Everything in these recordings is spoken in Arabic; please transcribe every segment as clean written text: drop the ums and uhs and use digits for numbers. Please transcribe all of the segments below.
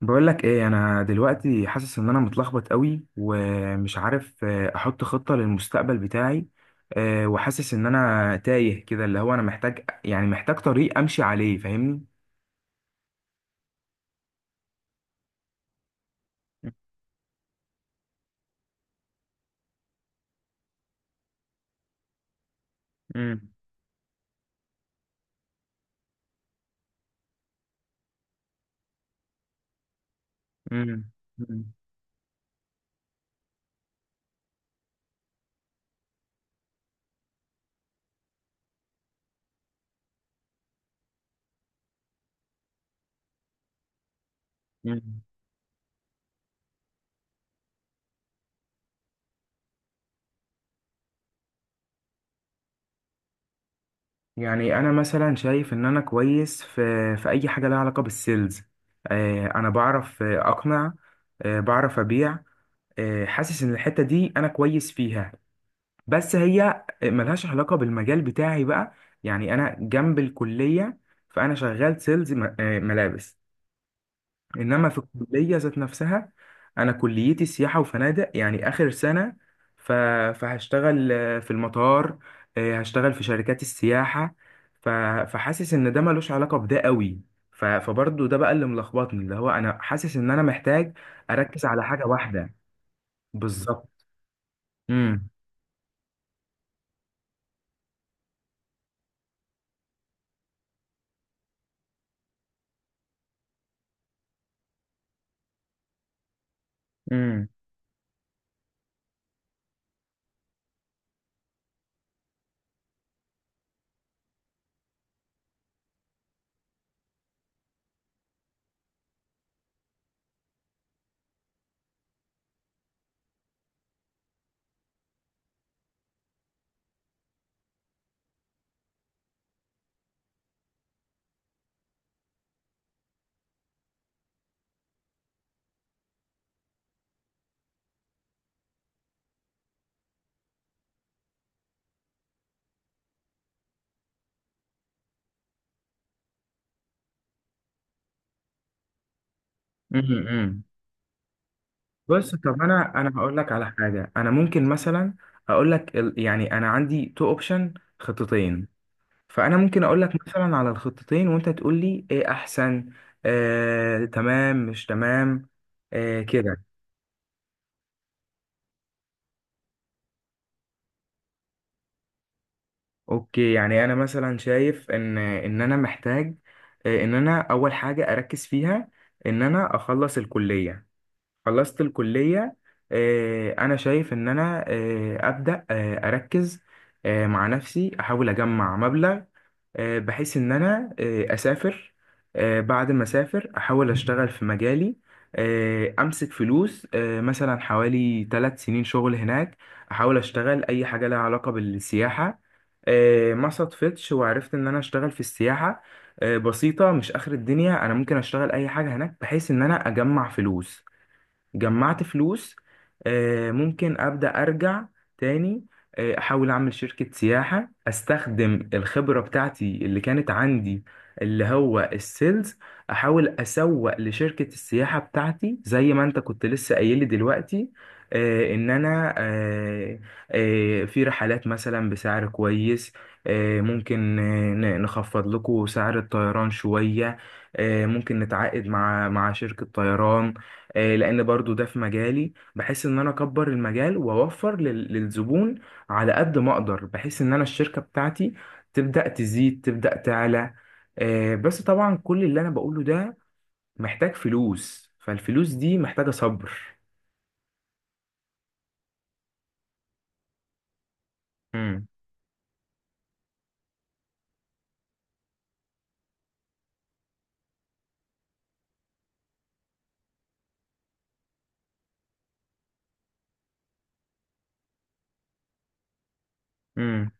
بقول لك ايه انا دلوقتي حاسس ان انا متلخبط قوي ومش عارف احط خطة للمستقبل بتاعي. وحاسس ان انا تايه كده اللي هو انا محتاج يعني محتاج طريق امشي عليه، فاهمني. مم. مم. مم. مم. يعني انا مثلا شايف ان انا كويس في اي حاجة لها علاقة بالسيلز. انا بعرف اقنع، بعرف ابيع. حاسس ان الحتة دي انا كويس فيها، بس هي ملهاش علاقة بالمجال بتاعي بقى. يعني أنا جنب الكلية، فأنا شغال سيلز ملابس. إنما في الكلية ذات نفسها، أنا كليتي سياحة وفنادق يعني آخر سنة. ف- فهشتغل في المطار، هشتغل في شركات السياحة. ف- فحاسس إن ده ملوش علاقة بده قوي. فبرضه ده بقى اللي ملخبطني، اللي هو أنا حاسس إن أنا محتاج أركز على حاجة واحدة بالظبط. امم. امم. امم. امم. بص، طب انا هقول لك على حاجه، انا ممكن مثلا اقول لك يعني انا عندي تو اوبشن، خطتين. فانا ممكن اقول لك مثلا على الخطتين وانت تقول لي ايه احسن، تمام مش تمام، كده. اوكي، يعني انا مثلا شايف ان انا محتاج، ان انا اول حاجه اركز فيها ان انا اخلص الكليه. خلصت الكلية، أنا شايف إن أنا أبدأ أركز مع نفسي، أحاول أجمع مبلغ بحيث إن أنا أسافر. بعد ما أسافر أحاول أشتغل في مجالي، أمسك فلوس مثلا حوالي 3 سنين شغل هناك. أحاول أشتغل أي حاجة لها علاقة بالسياحة، ما صدفتش وعرفت إن أنا أشتغل في السياحة، بسيطة، مش آخر الدنيا، أنا ممكن أشتغل أي حاجة هناك بحيث إن أنا أجمع فلوس. جمعت فلوس، ممكن أبدأ أرجع تاني، أحاول أعمل شركة سياحة، أستخدم الخبرة بتاعتي اللي كانت عندي، اللي هو السيلز. أحاول أسوق لشركة السياحة بتاعتي زي ما أنت كنت لسه قايل لي دلوقتي، إن أنا في رحلات مثلا بسعر كويس. ممكن نخفض لكم سعر الطيران شوية، ممكن نتعاقد مع شركة طيران. لان برضو ده في مجالي، بحيث ان انا اكبر المجال واوفر للزبون على قد ما اقدر، بحيث ان انا الشركة بتاعتي تبدأ تزيد، تبدأ تعلى. بس طبعا كل اللي انا بقوله ده محتاج فلوس، فالفلوس دي محتاجة صبر. امم. امم.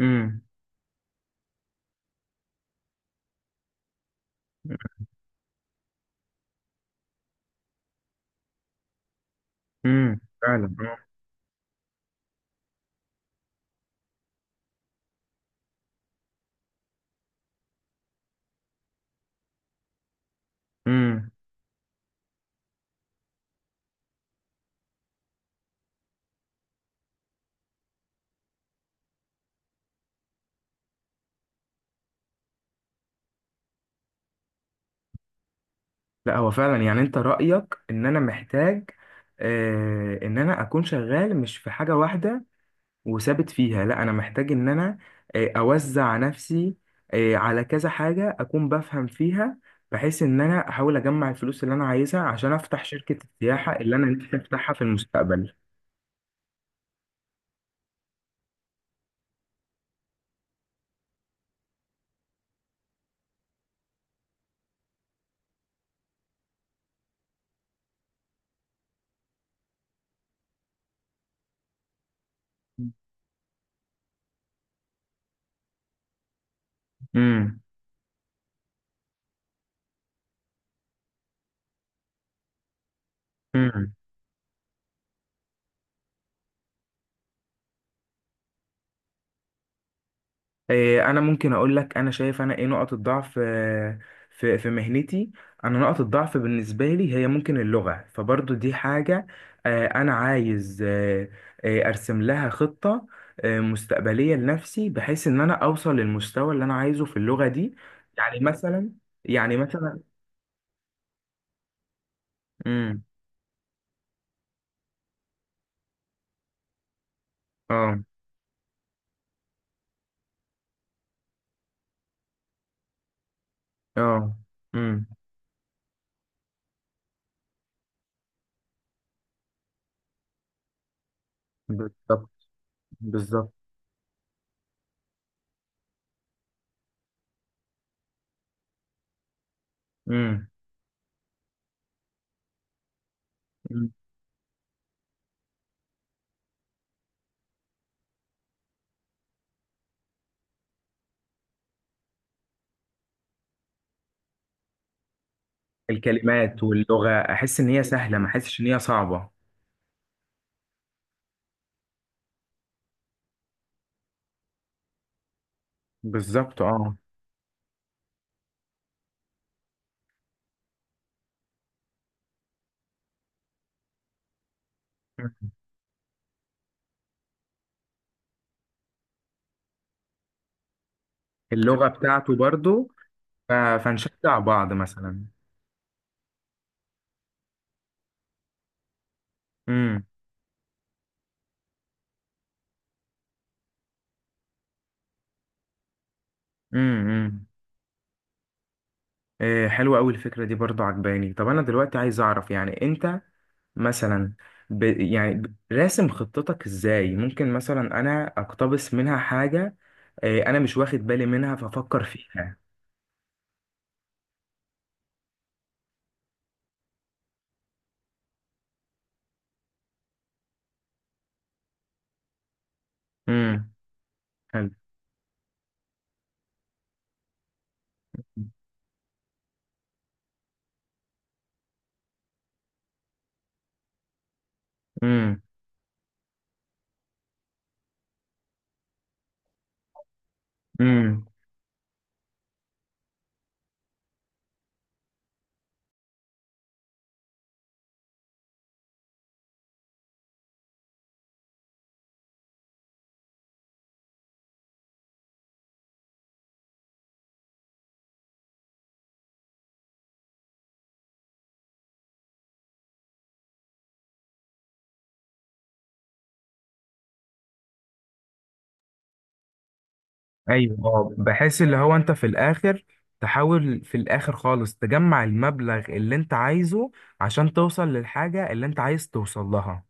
امم. امم، فعلا. امم لا، هو فعلا، يعني انت رأيك ان انا محتاج ان انا اكون شغال مش في حاجة واحدة وثابت فيها، لا انا محتاج ان انا اوزع نفسي على كذا حاجة اكون بفهم فيها، بحيث ان انا احاول اجمع الفلوس اللي انا عايزها عشان افتح شركة السياحة اللي انا نفسي افتحها في المستقبل. امم إيه، انا ممكن اقول لك، انا شايف انا ايه نقط الضعف في مهنتي. انا نقط الضعف بالنسبه لي هي ممكن اللغه، فبرضو دي حاجه انا عايز ارسم لها خطه مستقبليه لنفسي، بحيث ان انا اوصل للمستوى اللي انا عايزه في اللغه دي. يعني مثلا يعني مثلا. امم. اه. اه. امم. بالظبط. بالظبط. امم الكلمات واللغه احس ان هي سهله، ما احسش ان هي صعبه. بالظبط. اه. اللغة بتاعته برضو. ف- فنشجع بعض مثلا. امم. امم. إيه، حلوة أوي الفكرة دي برضو، عجباني. طب أنا دلوقتي عايز أعرف يعني أنت مثلا راسم خطتك إزاي، ممكن مثلا أنا أقتبس منها حاجة إيه أنا مش واخد بالي منها فأفكر فيها. امم. حلو. امم. امم. ايوه، اه، بحيث اللي هو انت في الاخر تحاول في الاخر خالص تجمع المبلغ اللي انت عايزه عشان توصل للحاجة اللي انت عايز توصل لها.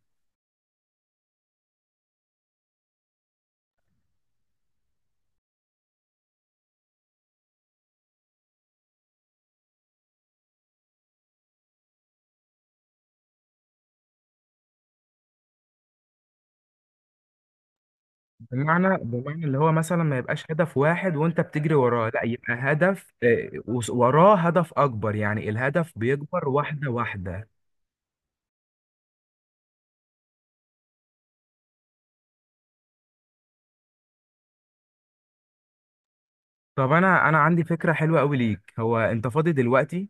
بمعنى اللي هو مثلا ما يبقاش هدف واحد وانت بتجري وراه، لا يبقى هدف وراه هدف اكبر، يعني الهدف بيكبر واحدة واحدة. طب انا عندي فكرة حلوة قوي ليك، هو انت فاضي دلوقتي؟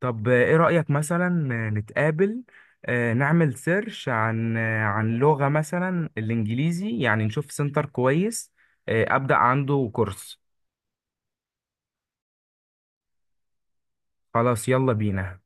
طب ايه رأيك مثلا نتقابل، نعمل سيرش عن لغة مثلا الانجليزي، يعني نشوف سنتر كويس أبدأ عنده كورس. خلاص، يلا بينا.